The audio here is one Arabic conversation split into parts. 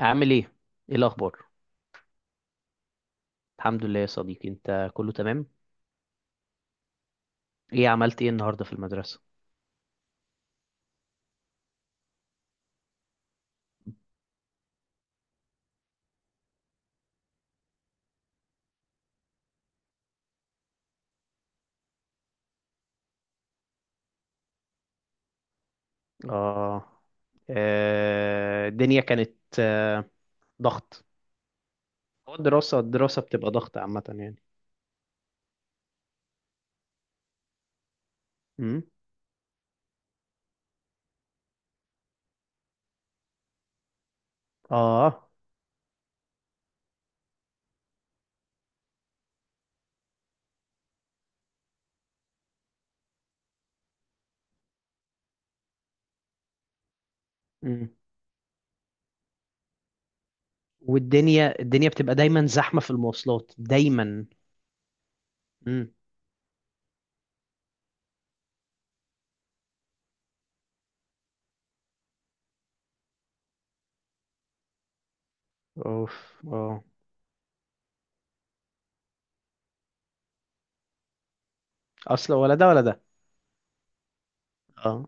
عامل ايه؟ ايه الاخبار؟ الحمد لله يا صديقي، انت كله تمام؟ عملت ايه النهارده في المدرسه؟ اه. الدنيا كانت آه، ضغط. هو الدراسه بتبقى ضغط عامه يعني. امم. اه. امم. والدنيا بتبقى دايما زحمه في المواصلات دايما. امم. اوف. اه. اصلا ولا ده ولا ده. اه.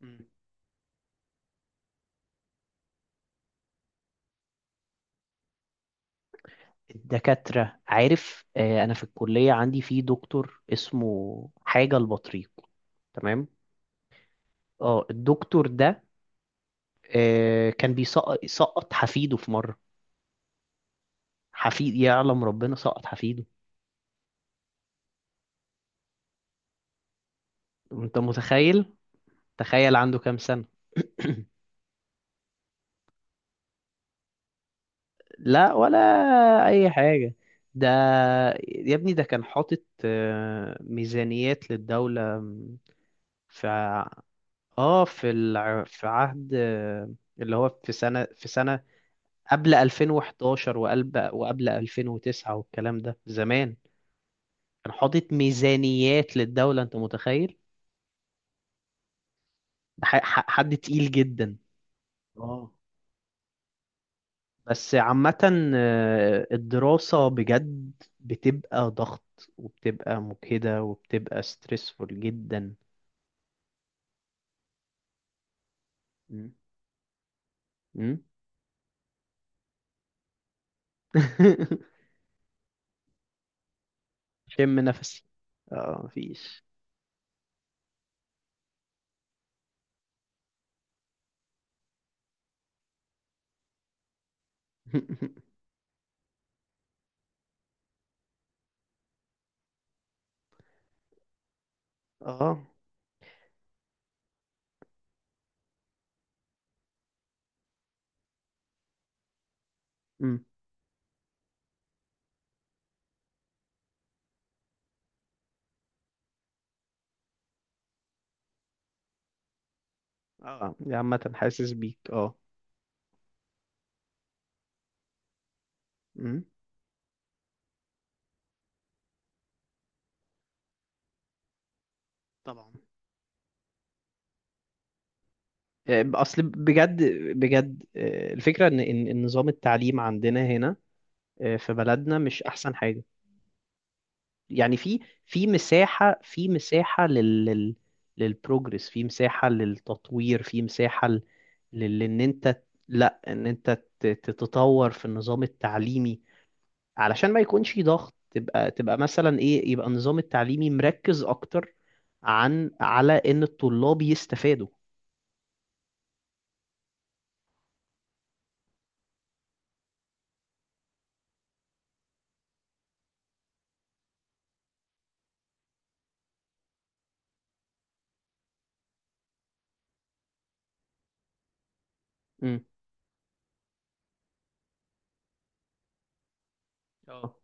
مم. الدكاتره عارف، انا في الكليه عندي في دكتور اسمه حاجه البطريق. تمام. اه، الدكتور ده كان سقط حفيده في مرة. حفيد يعلم ربنا سقط حفيده. انت متخيل؟ تخيل عنده كام سنة؟ لا ولا اي حاجة. ده، يا ابني ده كان حاطط ميزانيات للدولة. في ع- اه في الع... في عهد، اللي هو في سنة قبل 2011 وقبل 2009 والكلام ده زمان. كان حاطط ميزانيات للدولة، انت متخيل؟ حد تقيل جدا. اه، بس عامة الدراسة بجد بتبقى ضغط، وبتبقى مجهدة، وبتبقى ستريسفول جدا. مم. م? شم نفسي. اه، مفيش. اه. م. اه، عامة حاسس بيك، اه. م. طبعا. اصل بجد، بجد الفكرة إن نظام التعليم عندنا هنا، في بلدنا مش احسن حاجة يعني. في في مساحة لل لل للبروجرس في مساحة للتطوير، في مساحة ل- لل ان انت لا ان انت ت- تتطور في النظام التعليمي علشان ما يكونش ضغط. تبقى مثلا ايه، يبقى النظام التعليمي مركز اكتر على ان الطلاب يستفادوا. امم. اه.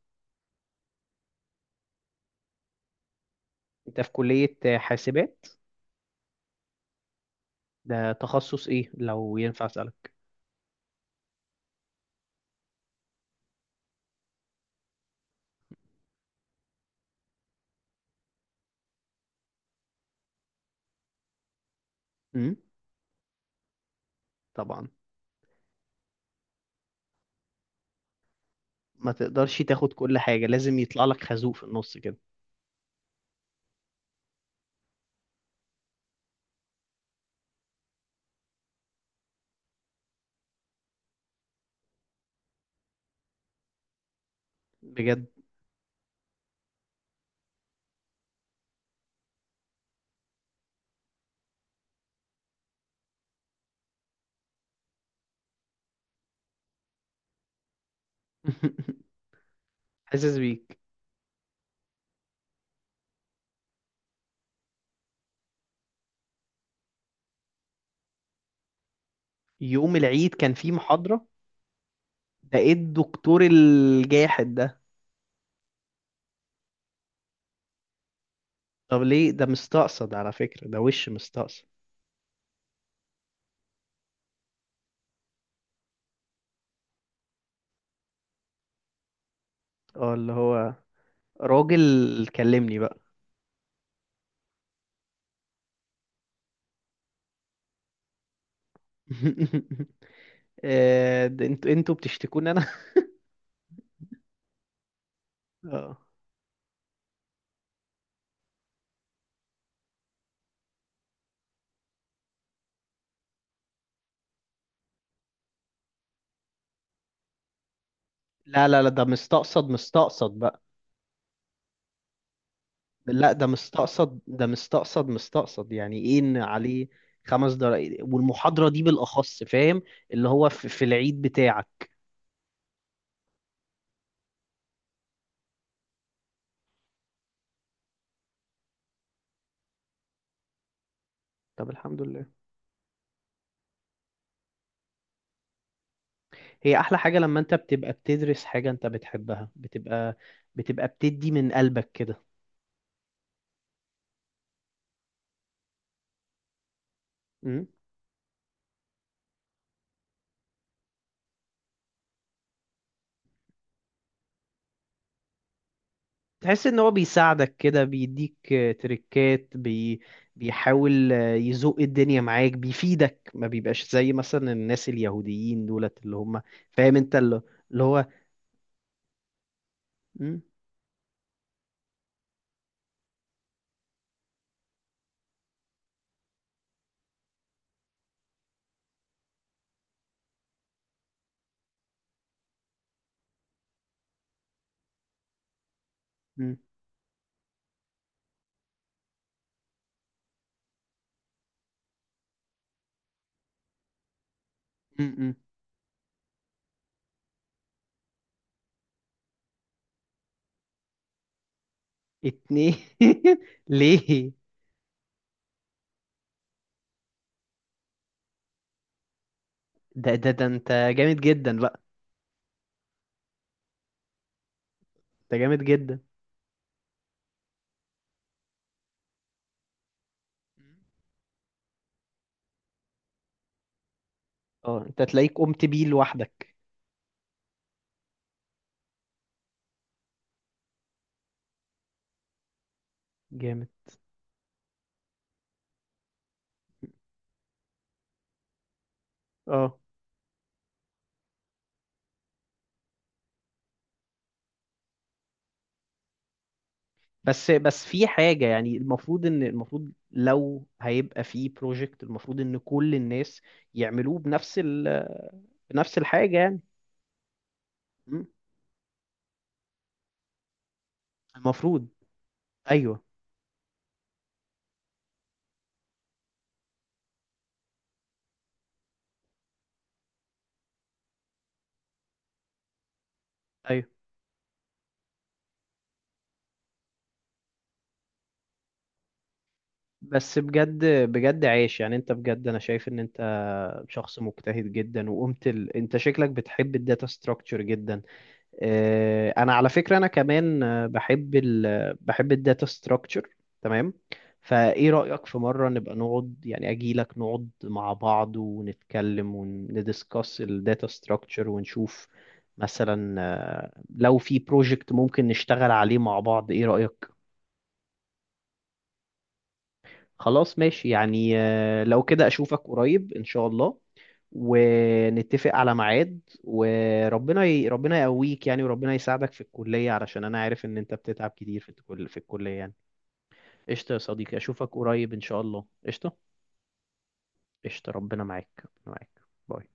انت في كلية حاسبات؟ ده تخصص ايه لو ينفع اسألك؟ امم. طبعا. ما تقدرش تاخد كل حاجة، لازم يطلع لك خازوق في النص كده. بجد. حاسس بيك. يوم العيد كان في محاضرة؟ ده ايه الدكتور الجاحد ده! طب ليه؟ ده مستقصد على فكرة، ده وش مستقصد. اه، اللي هو راجل كلمني بقى. ده انتوا بتشتكوني انا؟ اه، لا لا لا، ده مستقصد، مستقصد بقى. لا، ده مستقصد، ده مستقصد، مستقصد، يعني ايه ان عليه 5 دقايق، والمحاضرة دي بالأخص، فاهم؟ اللي هو في العيد بتاعك. طب الحمد لله. هي احلى حاجة، لما انت بتبقى بتدرس حاجة انت بتحبها، بتبقى بتدي من قلبك كده. امم. تحس ان هو بيساعدك كده، بيديك تريكات بيحاول يزوق الدنيا معاك، بيفيدك، ما بيبقاش زي مثلا الناس اليهوديين دولت اللي هم. فاهم انت اللي، اللي هو. مم. مم. مم. مم. اتنين. ليه؟ ده انت جامد جدا بقى. انت جامد جدا. اه، انت تلاقيك قمت بيه لوحدك. جامد. اه، بس في حاجة يعني، المفروض، ان المفروض لو هيبقى في بروجكت، المفروض ان كل الناس يعملوه بنفس بنفس الحاجة يعني. م? المفروض. ايوه. ايوه. بس بجد، بجد عايش يعني، انت بجد، انا شايف ان انت شخص مجتهد جدا، وقمت انت شكلك بتحب الداتا ستراكشر جدا. انا على فكره، انا كمان بحب بحب الداتا ستراكشر. تمام. فايه رايك، في مره نبقى نقعد يعني، اجي لك نقعد مع بعض ونتكلم وندiscuss الداتا ستراكشر، ونشوف مثلا لو في بروجكت ممكن نشتغل عليه مع بعض، ايه رايك؟ خلاص ماشي، يعني لو كده أشوفك قريب إن شاء الله، ونتفق على ميعاد، وربنا ربنا يقويك يعني، وربنا يساعدك في الكلية علشان أنا عارف إن أنت بتتعب كتير في في الكلية يعني. قشطة يا صديقي، أشوفك قريب إن شاء الله، قشطة. قشطة، ربنا معاك، ربنا معاك. باي.